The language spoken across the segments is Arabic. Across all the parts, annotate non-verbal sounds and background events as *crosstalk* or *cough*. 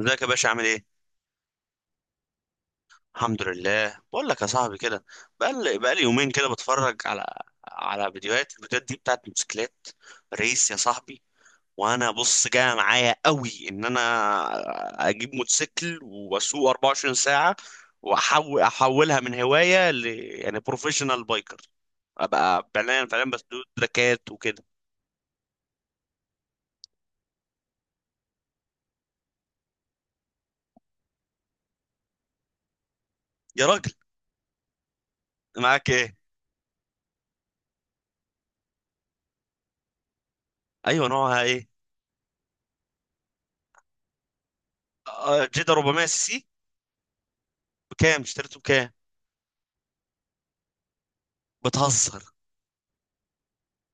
ازيك يا باشا عامل ايه؟ الحمد لله. بقول لك يا صاحبي كده، بقى لي يومين كده بتفرج على على فيديوهات الفيديوهات دي بتاعت موتوسيكلات ريس يا صاحبي. وانا بص جاي معايا قوي ان انا اجيب موتوسيكل واسوق 24 ساعة، احولها من هواية ل بروفيشنال بايكر، ابقى فعليا بسوق تراكات وكده. يا راجل، معاك ايه؟ ايوه، نوعها ايه؟ آه، جيدا 400 سي سي. بكام؟ اشتريته بكام؟ بتهزر،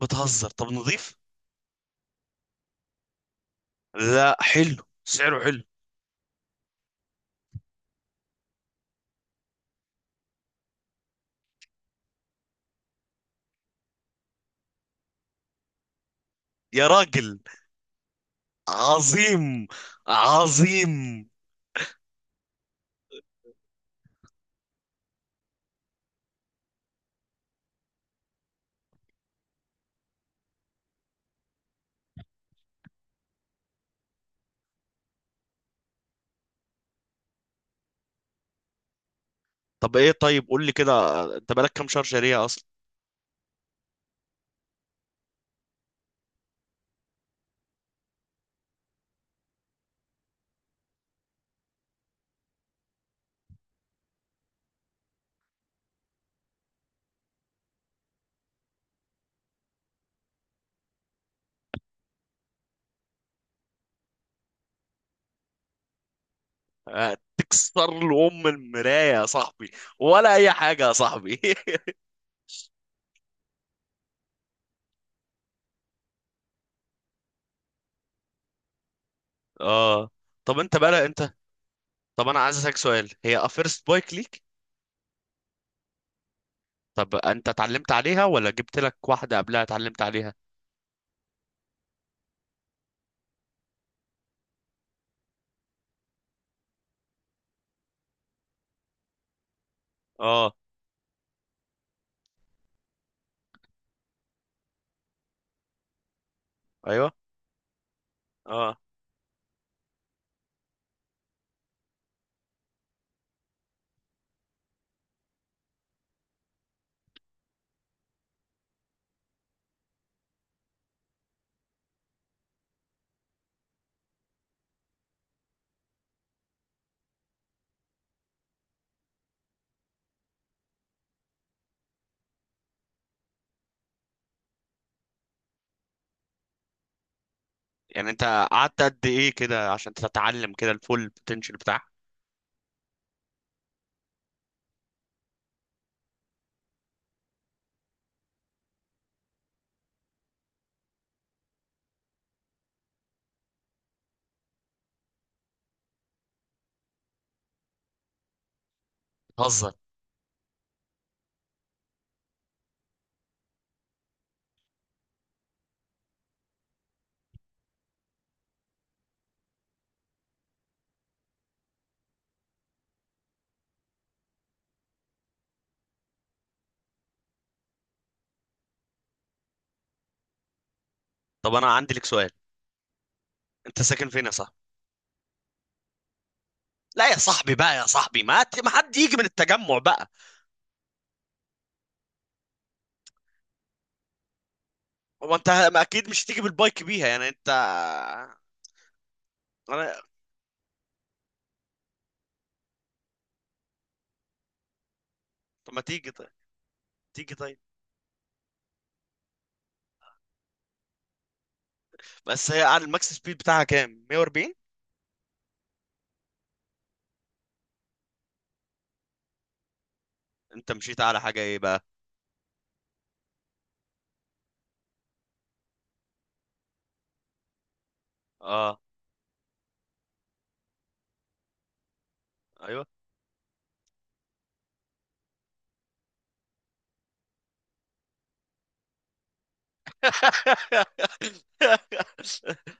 بتهزر. طب نضيف؟ لا، حلو، سعره حلو. يا راجل، عظيم، عظيم. طب ايه، طيب قول لي كده، انت بقالك كام شهر شاريها اصلا؟ آه، تكسر لأم المراية يا صاحبي، ولا أي حاجة يا صاحبي. *laughs* اه. طب انت بقى انت، طب انا عايز اسالك سؤال، هي فيرست بايك ليك؟ طب انت اتعلمت عليها ولا جبت لك واحدة قبلها اتعلمت عليها؟ اه. ايوه. اه. يعني انت قعدت قد ايه كده عشان تتعلم كده الفول بوتنشال بتاعها؟ بتهزر. طب انا عندي لك سؤال، انت ساكن فين يا صاحبي؟ لا يا صاحبي، بقى يا صاحبي ما حد يجي من التجمع بقى. هو انت ما اكيد مش تيجي بالبايك بيها يعني انت؟ انا طب ما تيجي طيب، تيجي طيب. بس هي على الماكس سبيد بتاعها كام، 140؟ انت مشيت على حاجه ايه بقى؟ اه. ايوه. *laughs*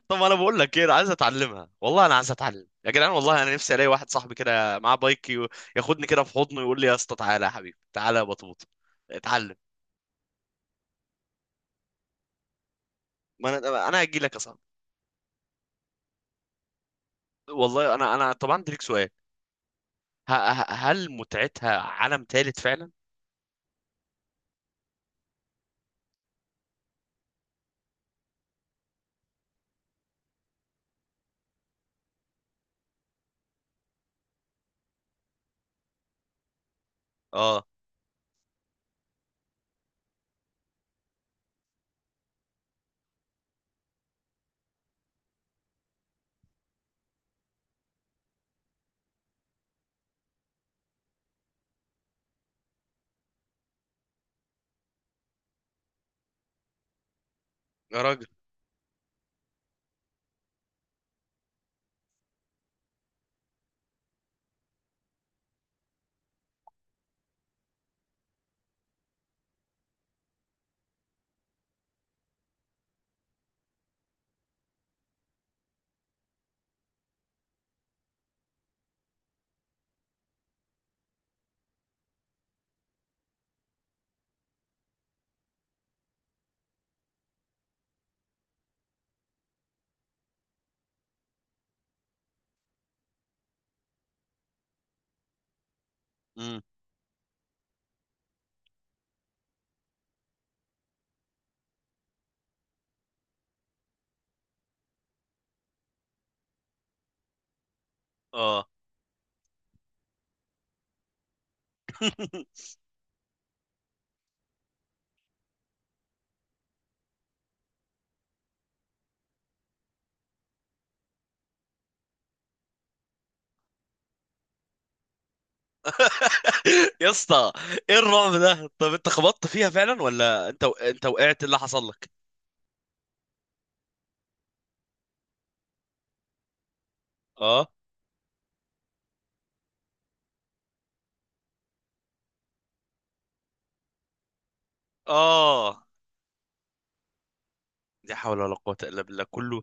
طب انا بقول لك ايه، انا عايز اتعلمها والله، انا عايز اتعلم يا جدعان، والله انا نفسي الاقي واحد صاحبي كده معاه بايك ياخدني كده في حضنه ويقول لي يا اسطى تعالى يا حبيبي تعالى يا بطوط اتعلم. ما انا هجي لك يا صاحبي. والله انا طبعا عندي ليك سؤال. هل متعتها عالم ثالث فعلا؟ اه. يا راجل. امم. اه. *laughs* يا اسطى، ايه الرعب ده؟ طب انت خبطت فيها فعلا ولا انت وقعت؟ اللي حصل لك؟ اه. اه. لا حول ولا قوة الا بالله، كله.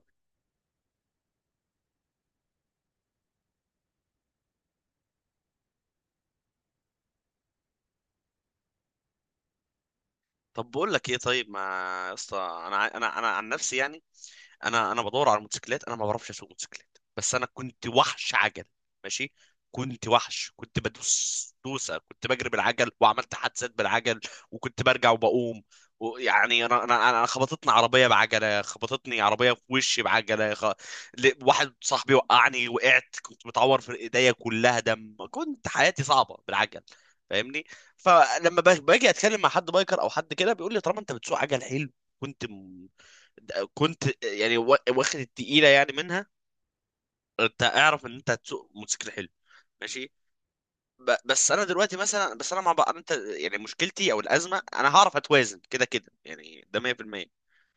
طب بقول لك ايه، طيب ما، يا اسطى انا انا عن نفسي يعني، انا بدور على موتوسيكلات، انا ما بعرفش اسوق موتوسيكلات بس انا كنت وحش عجل. ماشي. كنت وحش، كنت بدوس دوسه، كنت بجري بالعجل وعملت حادثات بالعجل، وكنت برجع وبقوم. ويعني انا خبطتني عربيه بعجله، خبطتني عربيه في وشي بعجله، واحد صاحبي وقعني، وقعت كنت متعور في ايديا كلها دم، كنت حياتي صعبه بالعجل. فاهمني. فلما باجي اتكلم مع حد بايكر او حد كده بيقول لي طالما انت بتسوق عجل حلو، كنت كنت يعني واخد التقيله يعني منها، انت اعرف ان انت هتسوق موتوسيكل حلو. ماشي. بس انا دلوقتي مثلا، بس انا مع بقى انت يعني، مشكلتي او الازمه، انا هعرف اتوازن كده كده يعني، ده 100%.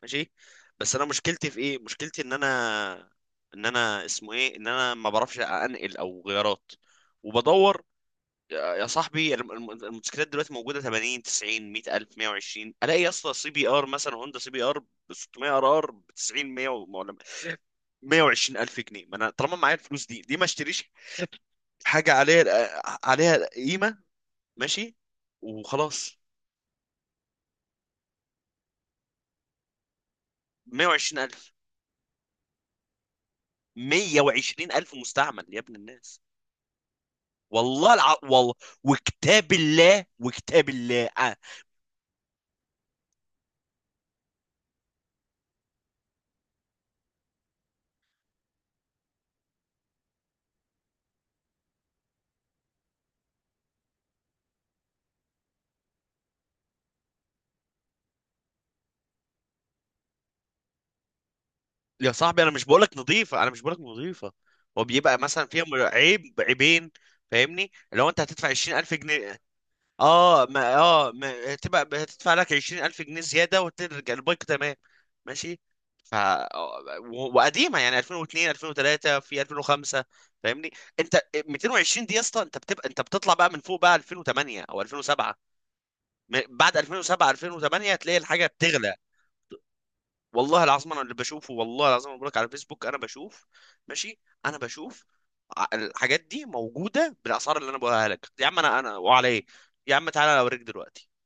ماشي. بس انا مشكلتي في ايه؟ مشكلتي ان انا، ان انا اسمه ايه، ان انا ما بعرفش انقل او غيارات، وبدور. يا صاحبي، الموتوسيكلات دلوقتي موجوده 80، 90، 100 الف، 120. الاقي يا اسطى سي بي ار مثلا، هوندا سي بي ار ب 600 ار ار ب 90، 100، 120 ألف جنيه. ما أنا طالما معايا الفلوس دي ليه ما اشتريش حاجة عليها، عليها قيمة؟ ماشي، وخلاص. 120 ألف؟ 120 ألف مستعمل يا ابن الناس. والله، وكتاب الله، وكتاب الله، آه. يا صاحبي أنا مش بقولك نظيفة، أنا مش بقولك نظيفة، هو بيبقى مثلا فيها عيب، عيبين. فاهمني، لو انت هتدفع 20,000 جنيه، اه ما اه ما... تبقى هتدفع لك 20,000 جنيه زيادة وترجع البايك تمام. ماشي. ف وقديمه يعني 2002، 2003، في 2005. فاهمني انت. 220 دي يا اسطى، انت بتبقى انت بتطلع بقى من فوق بقى 2008 او 2007. بعد 2007، 2008 هتلاقي الحاجه بتغلى. والله العظيم انا اللي بشوفه، والله العظيم انا بقولك على فيسبوك انا بشوف. ماشي. انا بشوف الحاجات دي موجوده بالاسعار اللي انا بقولها لك. يا عم انا انا، وعلى ايه؟ يا عم تعالى اوريك دلوقتي.